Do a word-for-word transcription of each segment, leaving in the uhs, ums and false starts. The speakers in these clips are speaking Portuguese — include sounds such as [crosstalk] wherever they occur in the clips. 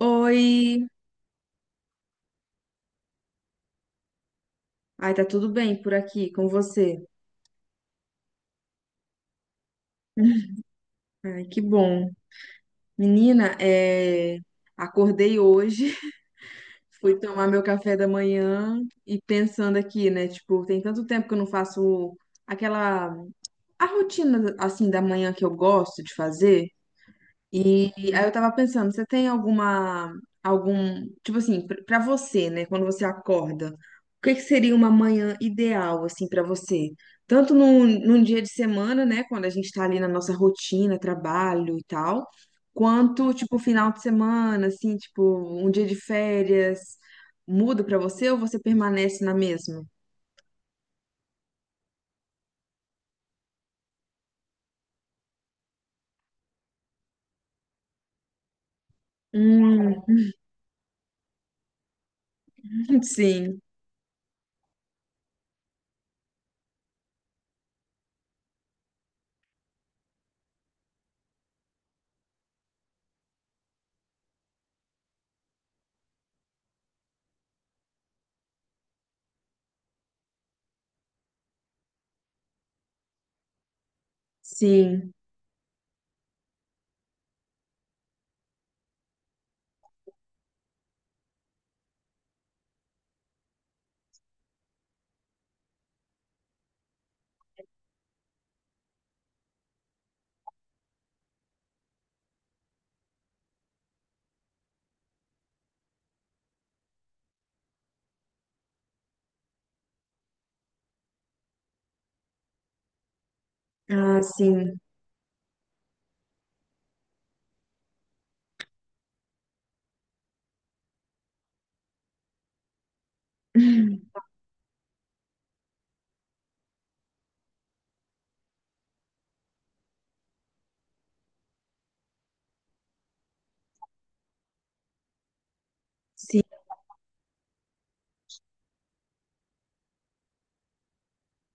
Oi! Ai, tá tudo bem por aqui com você? Ai, que bom. Menina, é... acordei hoje, [laughs] fui tomar meu café da manhã e pensando aqui, né? Tipo, tem tanto tempo que eu não faço aquela... a rotina, assim, da manhã que eu gosto de fazer. E aí eu tava pensando, você tem alguma, algum, tipo assim, pr- pra você, né, quando você acorda, o que que seria uma manhã ideal, assim, pra você? Tanto num, num dia de semana, né, quando a gente tá ali na nossa rotina, trabalho e tal, quanto, tipo, final de semana, assim, tipo, um dia de férias, muda pra você ou você permanece na mesma? Hum, [laughs] sim, sim, ah, sim, [laughs] sim.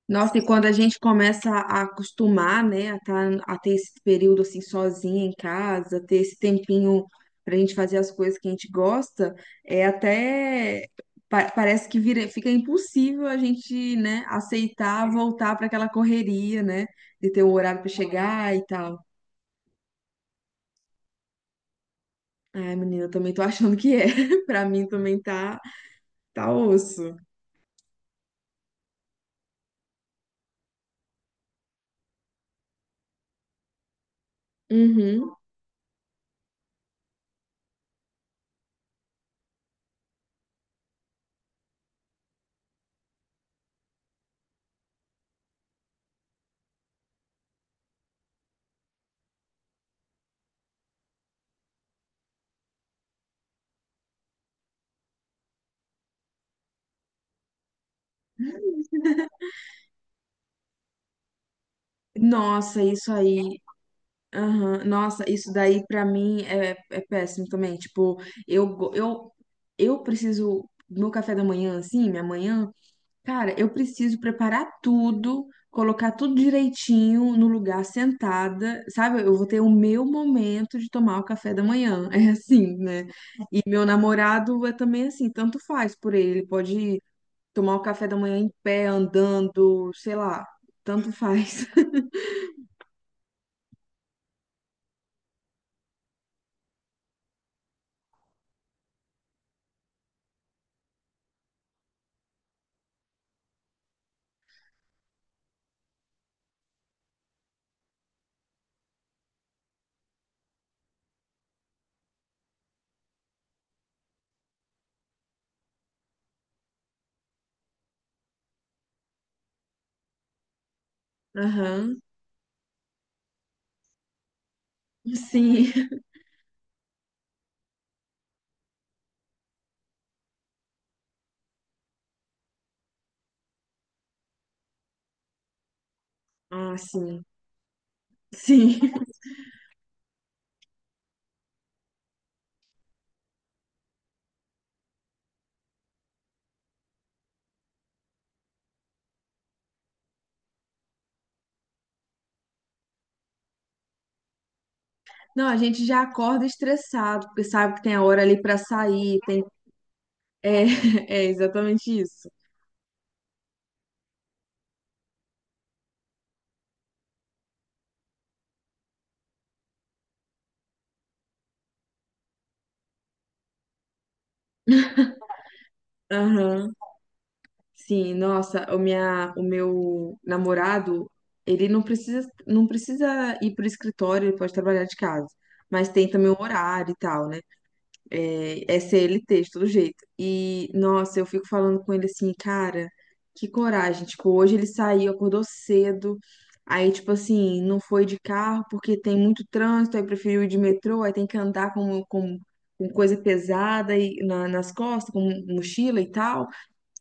Nossa, e quando a gente começa a acostumar, né, a, tá- a ter esse período assim sozinha em casa, ter esse tempinho pra gente fazer as coisas que a gente gosta, é até pa- parece que vira- fica impossível a gente, né, aceitar voltar pra aquela correria, né, de ter o horário pra chegar e tal. Ai, menina, eu também tô achando que é. [laughs] Pra mim também tá tá osso. Uhum. Nossa, isso aí. Aham, nossa, isso daí pra mim é, é péssimo também. Tipo, eu, go- eu, eu preciso. Meu café da manhã, assim, minha manhã, cara, eu preciso preparar tudo, colocar tudo direitinho no lugar sentada, sabe? Eu vou ter o meu momento de tomar o café da manhã. [laughs] É assim, né? E meu namorado é também assim, tanto faz por ele. Ele pode tomar o café da manhã em pé, andando, sei lá, tanto faz. [laughs] Aham, sim. Ah, sim. Sim. Não, a gente já acorda estressado, porque sabe que tem a hora ali pra sair, tem... é, [laughs] é exatamente isso. Aham. Sim, nossa, o minha, o meu namorado, ele não precisa, não precisa ir pro escritório, ele pode trabalhar de casa, mas tem também o horário e tal, né? É, é C L T, de todo jeito. E, nossa, eu fico falando com ele assim, cara, que coragem. Tipo, hoje ele saiu, acordou cedo. Aí, tipo assim, não foi de carro porque tem muito trânsito, aí preferiu ir de metrô, aí tem que andar com, com, com coisa pesada e, na- nas costas, com mochila e tal.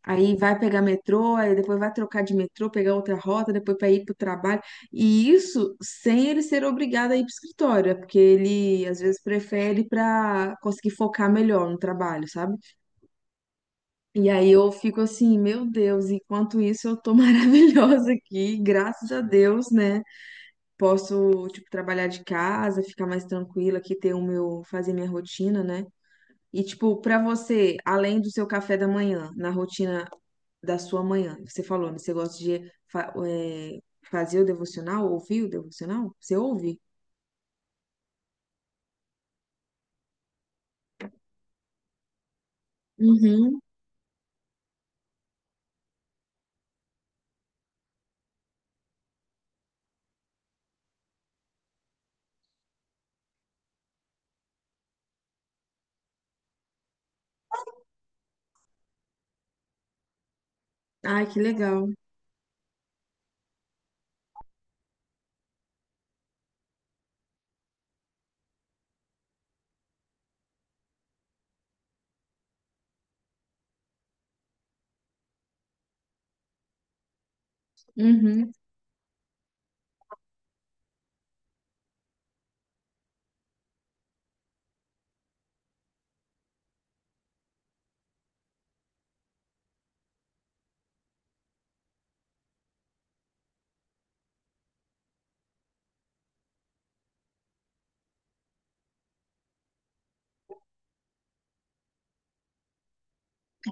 Aí vai pegar metrô, aí depois vai trocar de metrô, pegar outra rota, depois para ir para o trabalho. E isso sem ele ser obrigado a ir para o escritório, é porque ele às vezes prefere para conseguir focar melhor no trabalho, sabe? E aí eu fico assim, meu Deus, enquanto isso eu tô [laughs] maravilhosa aqui, graças a Deus, né? Posso, tipo, trabalhar de casa, ficar mais tranquila aqui, ter o meu, fazer minha rotina, né? E, tipo, pra você, além do seu café da manhã, na rotina da sua manhã? Você falou, né? Você gosta de fa- é, fazer o devocional, ouvir o devocional? Você ouve? Uhum. Ai, que legal. Uhum.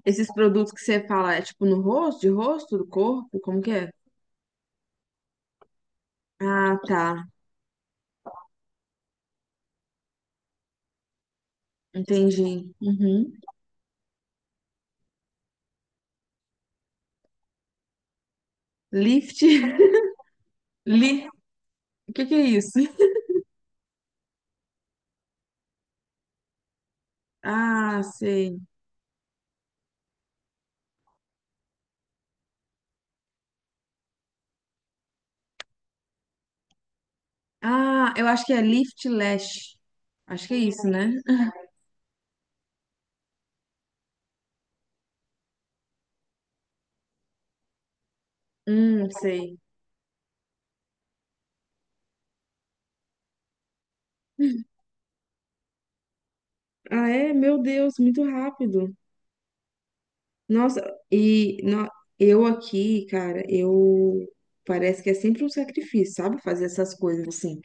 Esses produtos que você fala, é tipo no rosto, de rosto, do corpo, como que é? Ah, tá. Entendi. Uhum. Lift. [laughs] Li... O que que é isso? Ah, sei. Ah, eu acho que é Lift Lash. Acho que é isso, né? Hum, sei. Ah, é? Meu Deus, muito rápido. Nossa, e no- eu aqui, cara, eu parece que é sempre um sacrifício, sabe? Fazer essas coisas assim.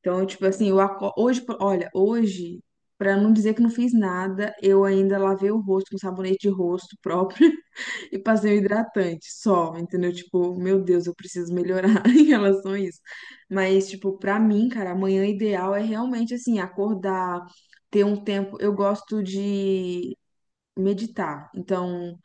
Então, tipo assim, eu aco... hoje, por- olha, hoje, pra não dizer que não fiz nada, eu ainda lavei o rosto com sabonete de rosto próprio [laughs] e passei o hidratante só, entendeu? Tipo, meu Deus, eu preciso melhorar [laughs] em relação a isso. Mas, tipo, pra mim, cara, amanhã ideal é realmente assim, acordar, ter um tempo. Eu gosto de meditar. Então,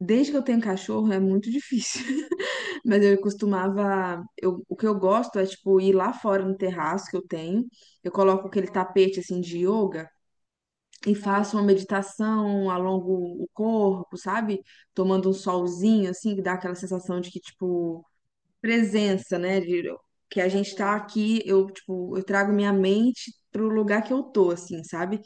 desde que eu tenho cachorro é muito difícil. [laughs] Mas eu costumava. Eu, o que eu gosto é, tipo, ir lá fora no terraço que eu tenho. Eu coloco aquele tapete, assim, de yoga e faço uma meditação, alongo o corpo, sabe? Tomando um solzinho, assim, que dá aquela sensação de que, tipo, presença, né? De, que a gente tá aqui, eu, tipo, eu trago minha mente pro lugar que eu tô, assim, sabe?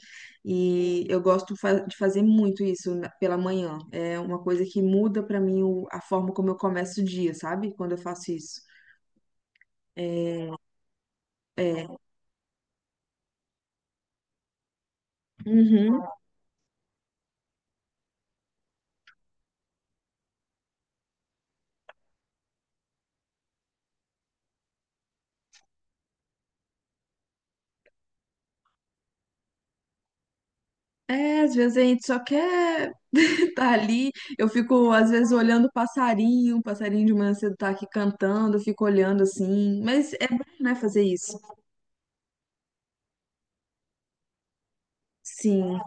E eu gosto fa- de fazer muito isso na- pela manhã. É uma coisa que muda pra mim o- a forma como eu começo o dia, sabe? Quando eu faço isso. É. Uhum. É, às vezes a gente só quer [laughs] estar ali. Eu fico, às vezes, olhando o passarinho, o passarinho de manhã cedo tá aqui cantando, eu fico olhando assim. Mas é bom, né, fazer isso. Sim.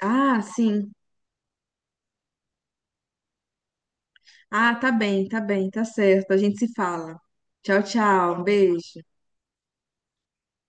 Ah, sim. Ah, tá bem, tá bem, tá certo. A gente se fala. Tchau, tchau. Um beijo.